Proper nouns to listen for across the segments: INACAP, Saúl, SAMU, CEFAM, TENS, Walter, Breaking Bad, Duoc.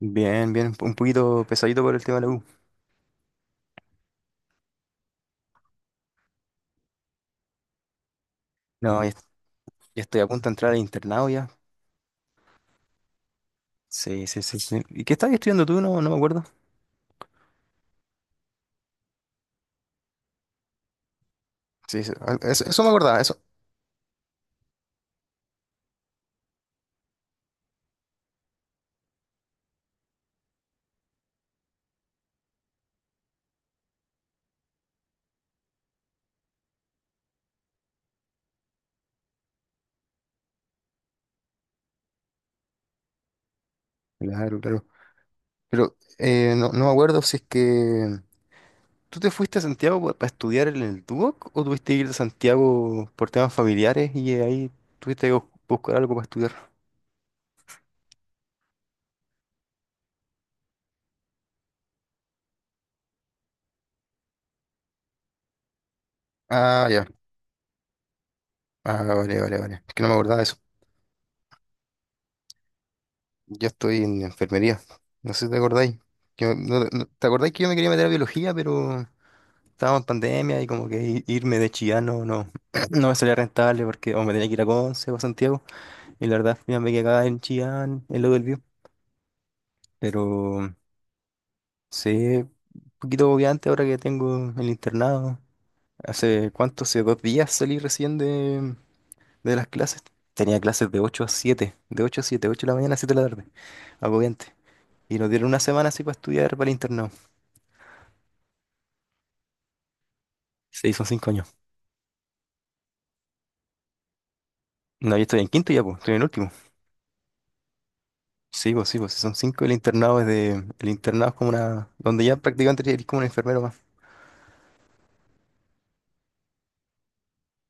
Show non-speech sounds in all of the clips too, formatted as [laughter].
Bien, bien, un poquito pesadito por el tema de la U. No, ya, ya estoy a punto de entrar al internado ya. Sí, sí, sí, sí. ¿Y qué estabas estudiando tú? No, no me acuerdo. Sí, sí, eso, eso me acordaba, eso. Claro, claro. Pero no, no me acuerdo si es que tú te fuiste a Santiago para estudiar en el Duoc o tuviste que ir a Santiago por temas familiares y ahí tuviste que buscar algo para estudiar. Ah, ya. Ah, vale, vale, vale. Es que no me acordaba de eso. Yo estoy en enfermería. No sé si te acordáis. Que me- no- no- ¿Te acordáis que yo me quería meter a biología, pero... Estábamos en pandemia y como que irme de Chillán [clears throat] no me salía rentable porque o me tenía que ir a Conce o a Santiago? Y la verdad, ya me quedé acá en Chillán, en lo del Bío. Pero sí, un poquito agobiante ahora que tengo el internado. ¿Hace cuánto? Hace 2 días salí recién de las clases. Tenía clases de 8 a 7, 8 de la mañana a 7 de la tarde. Agobiante. Y nos dieron una semana así para estudiar para el internado. Se hizo 5 años. No, yo estoy en quinto ya, pues, estoy en el último. Sí, pues si son cinco, el internado es de... El internado es como una... donde ya prácticamente eres como un enfermero más.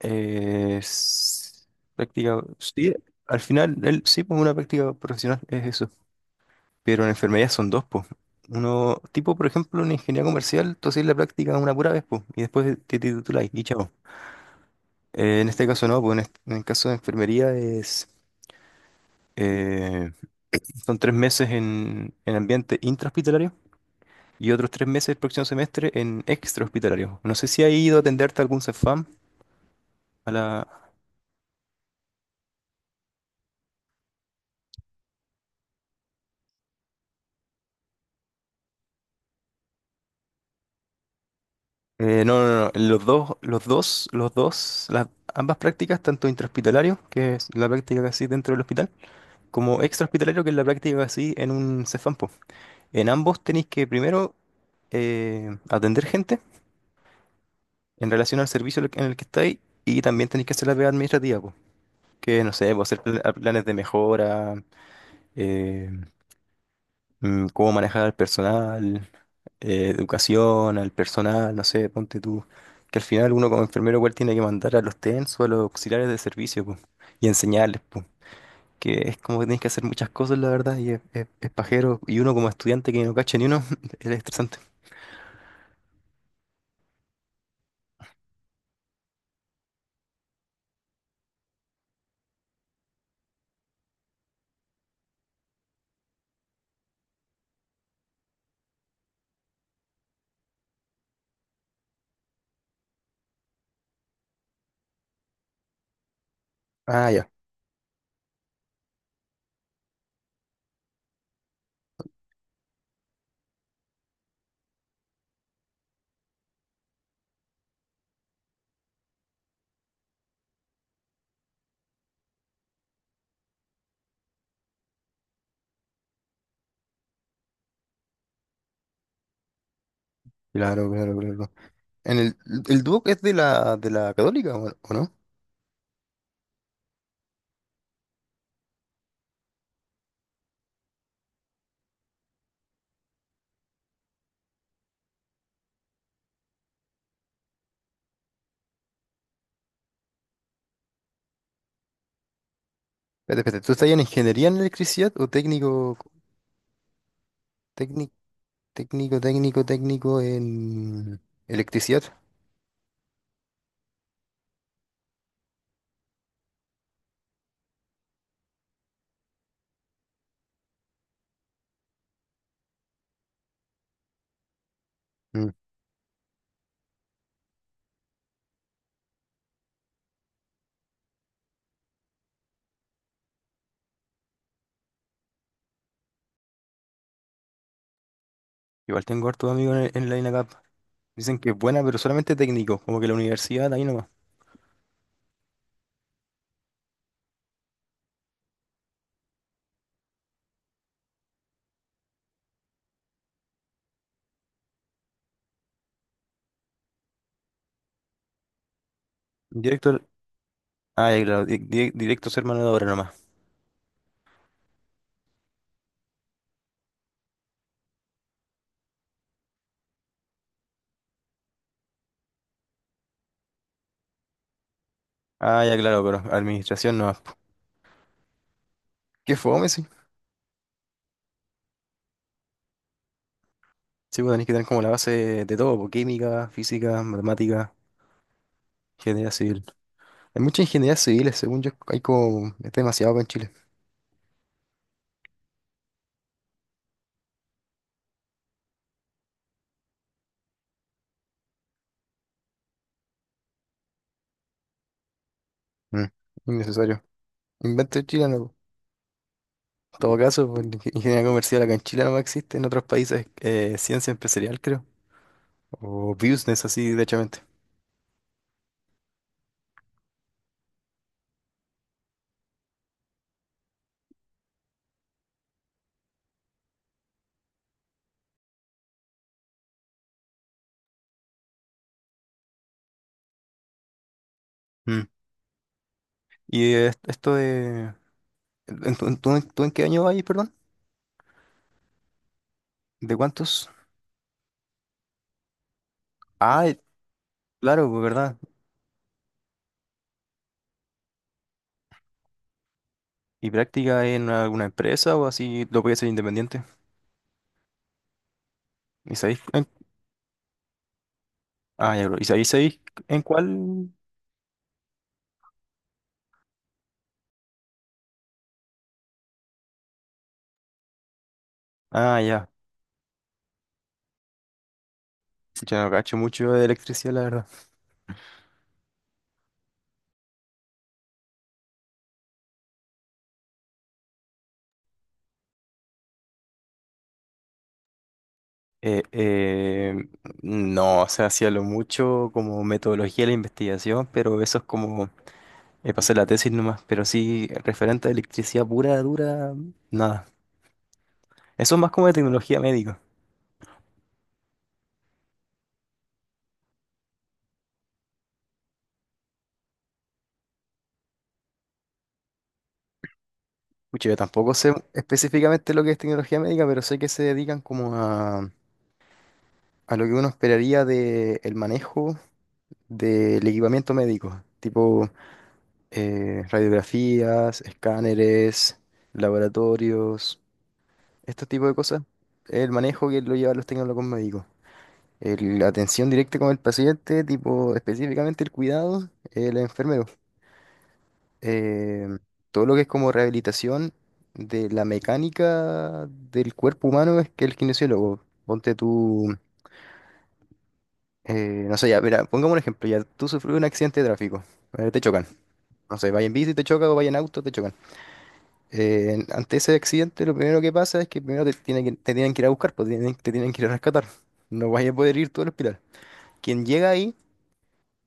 Eh, s- Práctica... sí, al final, él, sí, pues una práctica profesional es eso. Pero en enfermería son dos, pues. Uno, tipo, por ejemplo, en ingeniería comercial, tú haces la práctica una pura vez, pues, y después te titulas y chao. En este caso no, pues en el caso de enfermería es... eh, son 3 meses en ambiente intrahospitalario y otros 3 meses el próximo semestre en extra hospitalario. No sé si ha ido a atenderte a algún CEFAM, a la... no, no, no, los dos, los dos, los dos, ambas prácticas, tanto intrahospitalario, que es la práctica que hacéis dentro del hospital, como extrahospitalario, que es la práctica que hacéis en un CEFAM, po. En ambos tenéis que primero atender gente en relación al servicio en el que estáis y también tenéis que hacer la pega administrativa, po, que no sé, po, hacer planes de mejora, eh, cómo manejar al personal, educación, al personal, no sé, ponte tú. Que al final uno como enfermero igual tiene que mandar a los TENS o a los auxiliares de servicio, po, y enseñarles, po, que es como que tienes que hacer muchas cosas, la verdad, y es pajero, y uno como estudiante que no cacha ni uno, [laughs] es estresante. Ah, ya, claro, claro, claro. En el, el Duoc es de la Católica, o no? Espérate, espérate, ¿tú estás en ingeniería en electricidad o técnico, técnico en electricidad? Igual tengo hartos amigos en la INACAP. Dicen que es buena, pero solamente técnico, como que la universidad ahí nomás. Directo, ah, ya claro, directo, ser mano de obra nomás. Ah, ya claro, pero administración nomás, po. Qué fome, sí. Sí, pues tenés que tener como la base de todo, po, química, física, matemática, ingeniería civil. Hay muchas ingenierías civiles, según yo, hay como, es demasiado acá en Chile. Mm, innecesario. Invento chileno, po. En todo caso, pues, la ingeniería comercial acá en Chile no existe, en otros países ciencia empresarial, creo. O business, así, derechamente. Mm. Y esto de... ¿Tú en qué año vas, perdón? ¿De cuántos? Ah, claro, pues verdad. ¿Y práctica en alguna empresa o así lo podías hacer independiente? ¿Y sabéis en... Ah, ya, bro. ¿Y sabéis en cuál? Ah, ya. Yo no cacho mucho de electricidad, la verdad. Eh, eh, no, o sea, hacía lo mucho como metodología de la investigación, pero eso es como... pasé la tesis nomás, pero sí, referente a electricidad pura, dura, nada. Eso es más como de tecnología médica. Pucha, yo tampoco sé específicamente lo que es tecnología médica, pero sé que se dedican como a lo que uno esperaría de el manejo del equipamiento médico, tipo radiografías, escáneres, laboratorios, este tipo de cosas. El manejo que lo llevan los tecnólogos médicos. La atención directa con el paciente, tipo específicamente el cuidado, el enfermero. eh, Todo lo que es como rehabilitación de la mecánica del cuerpo humano es que el kinesiólogo. Ponte tú, no sé, ya, mira, pongamos un ejemplo, ya tú sufres un accidente de tráfico, te chocan. No sé, vaya en bici, te choca o vaya en auto, te chocan. Ante ese accidente, lo primero que pasa es que primero te tienen que ir a buscar, pues, te tienen que ir a rescatar. No vas a poder ir tú al hospital. Quien llega ahí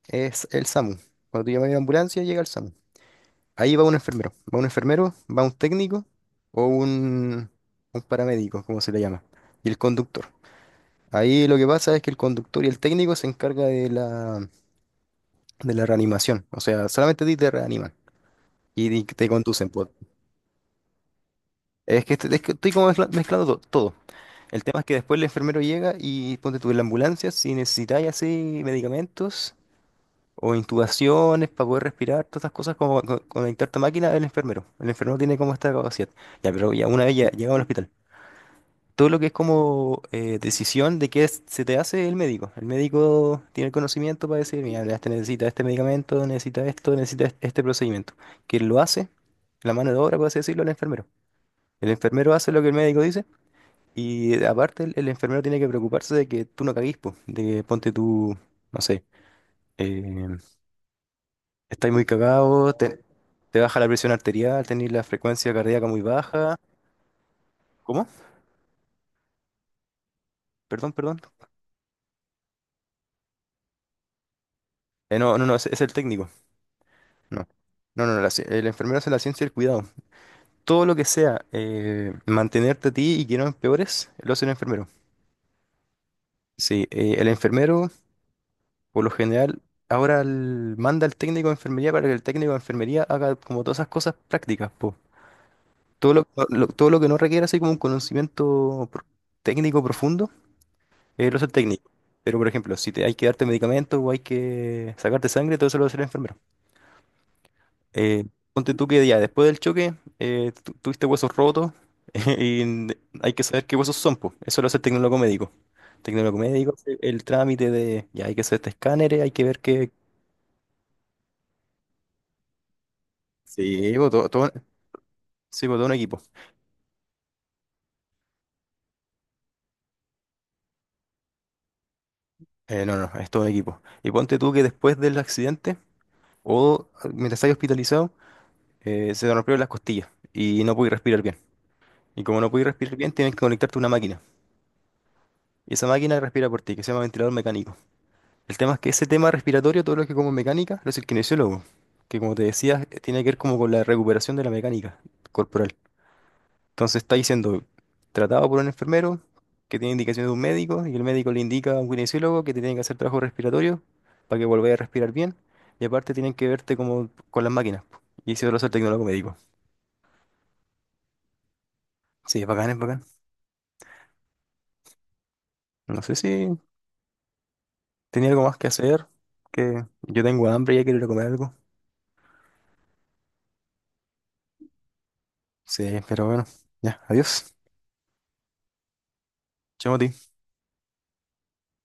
es el SAMU. Cuando tú llamas a la ambulancia, llega el SAMU. Ahí va un enfermero, va un técnico o un paramédico, como se le llama, y el conductor. Ahí lo que pasa es que el conductor y el técnico se encarga de la reanimación, o sea, solamente a ti te reaniman y te conducen, po. Es que estoy como mezclando todo. El tema es que después el enfermero llega y ponte tú en la ambulancia si necesitáis así medicamentos, o intubaciones para poder respirar, todas estas cosas como conectarte a máquina, el enfermero. El enfermero tiene como esta capacidad. Ya, pero ya una vez ya llegamos al hospital. Todo lo que es como decisión de qué se te hace, el médico. El médico tiene el conocimiento para decir, mira, este necesita este medicamento, necesita esto, necesita este procedimiento. Que lo hace, la mano de obra, por así decirlo, el enfermero. El enfermero hace lo que el médico dice y aparte el enfermero tiene que preocuparse de que tú no caguís, po, de que ponte tú, no sé, eh, estáis muy cagados, te baja la presión arterial, tenéis la frecuencia cardíaca muy baja. ¿Cómo? Perdón, perdón. No, no, no, es el técnico. No. No, no, no, el enfermero hace la ciencia del cuidado. Todo lo que sea mantenerte a ti y que no empeores, lo hace el enfermero. Sí, el enfermero, por lo general, ahora manda al técnico de enfermería para que el técnico de enfermería haga como todas esas cosas prácticas, po. Todo lo que no requiera así como un conocimiento técnico profundo, él es el técnico. Pero, por ejemplo, si te, hay que darte medicamentos o hay que sacarte sangre, todo eso lo va a hacer el enfermero. Eh, Ponte tú que ya después del choque tuviste huesos rotos [laughs] y hay que saber qué huesos son, pues. Eso lo hace el tecnólogo médico. Tecnólogo médico, hace el trámite de ya hay que hacer este escáner, hay que ver qué. Sí, po, sí, po, todo un equipo. No, no, es todo un equipo. Y ponte tú que después del accidente o mientras estás hospitalizado, se te rompieron las costillas y no puedes respirar bien. Y como no puedes respirar bien, tienes que conectarte a una máquina. Y esa máquina respira por ti, que se llama ventilador mecánico. El tema es que ese tema respiratorio, todo lo que como mecánica, lo es el kinesiólogo, que como te decía, tiene que ver como con la recuperación de la mecánica corporal. Entonces está siendo tratado por un enfermero que tiene indicaciones de un médico, y el médico le indica a un kinesiólogo que te tiene que hacer trabajo respiratorio para que vuelvas a respirar bien. Y aparte tienen que verte como con las máquinas. Y eso lo hace el tecnólogo médico. Sí, es bacán, es bacán. No sé si tenía algo más que hacer, que yo tengo hambre y ya quiero ir a comer algo. Sí, pero bueno, ya, adiós. Chao, Mati.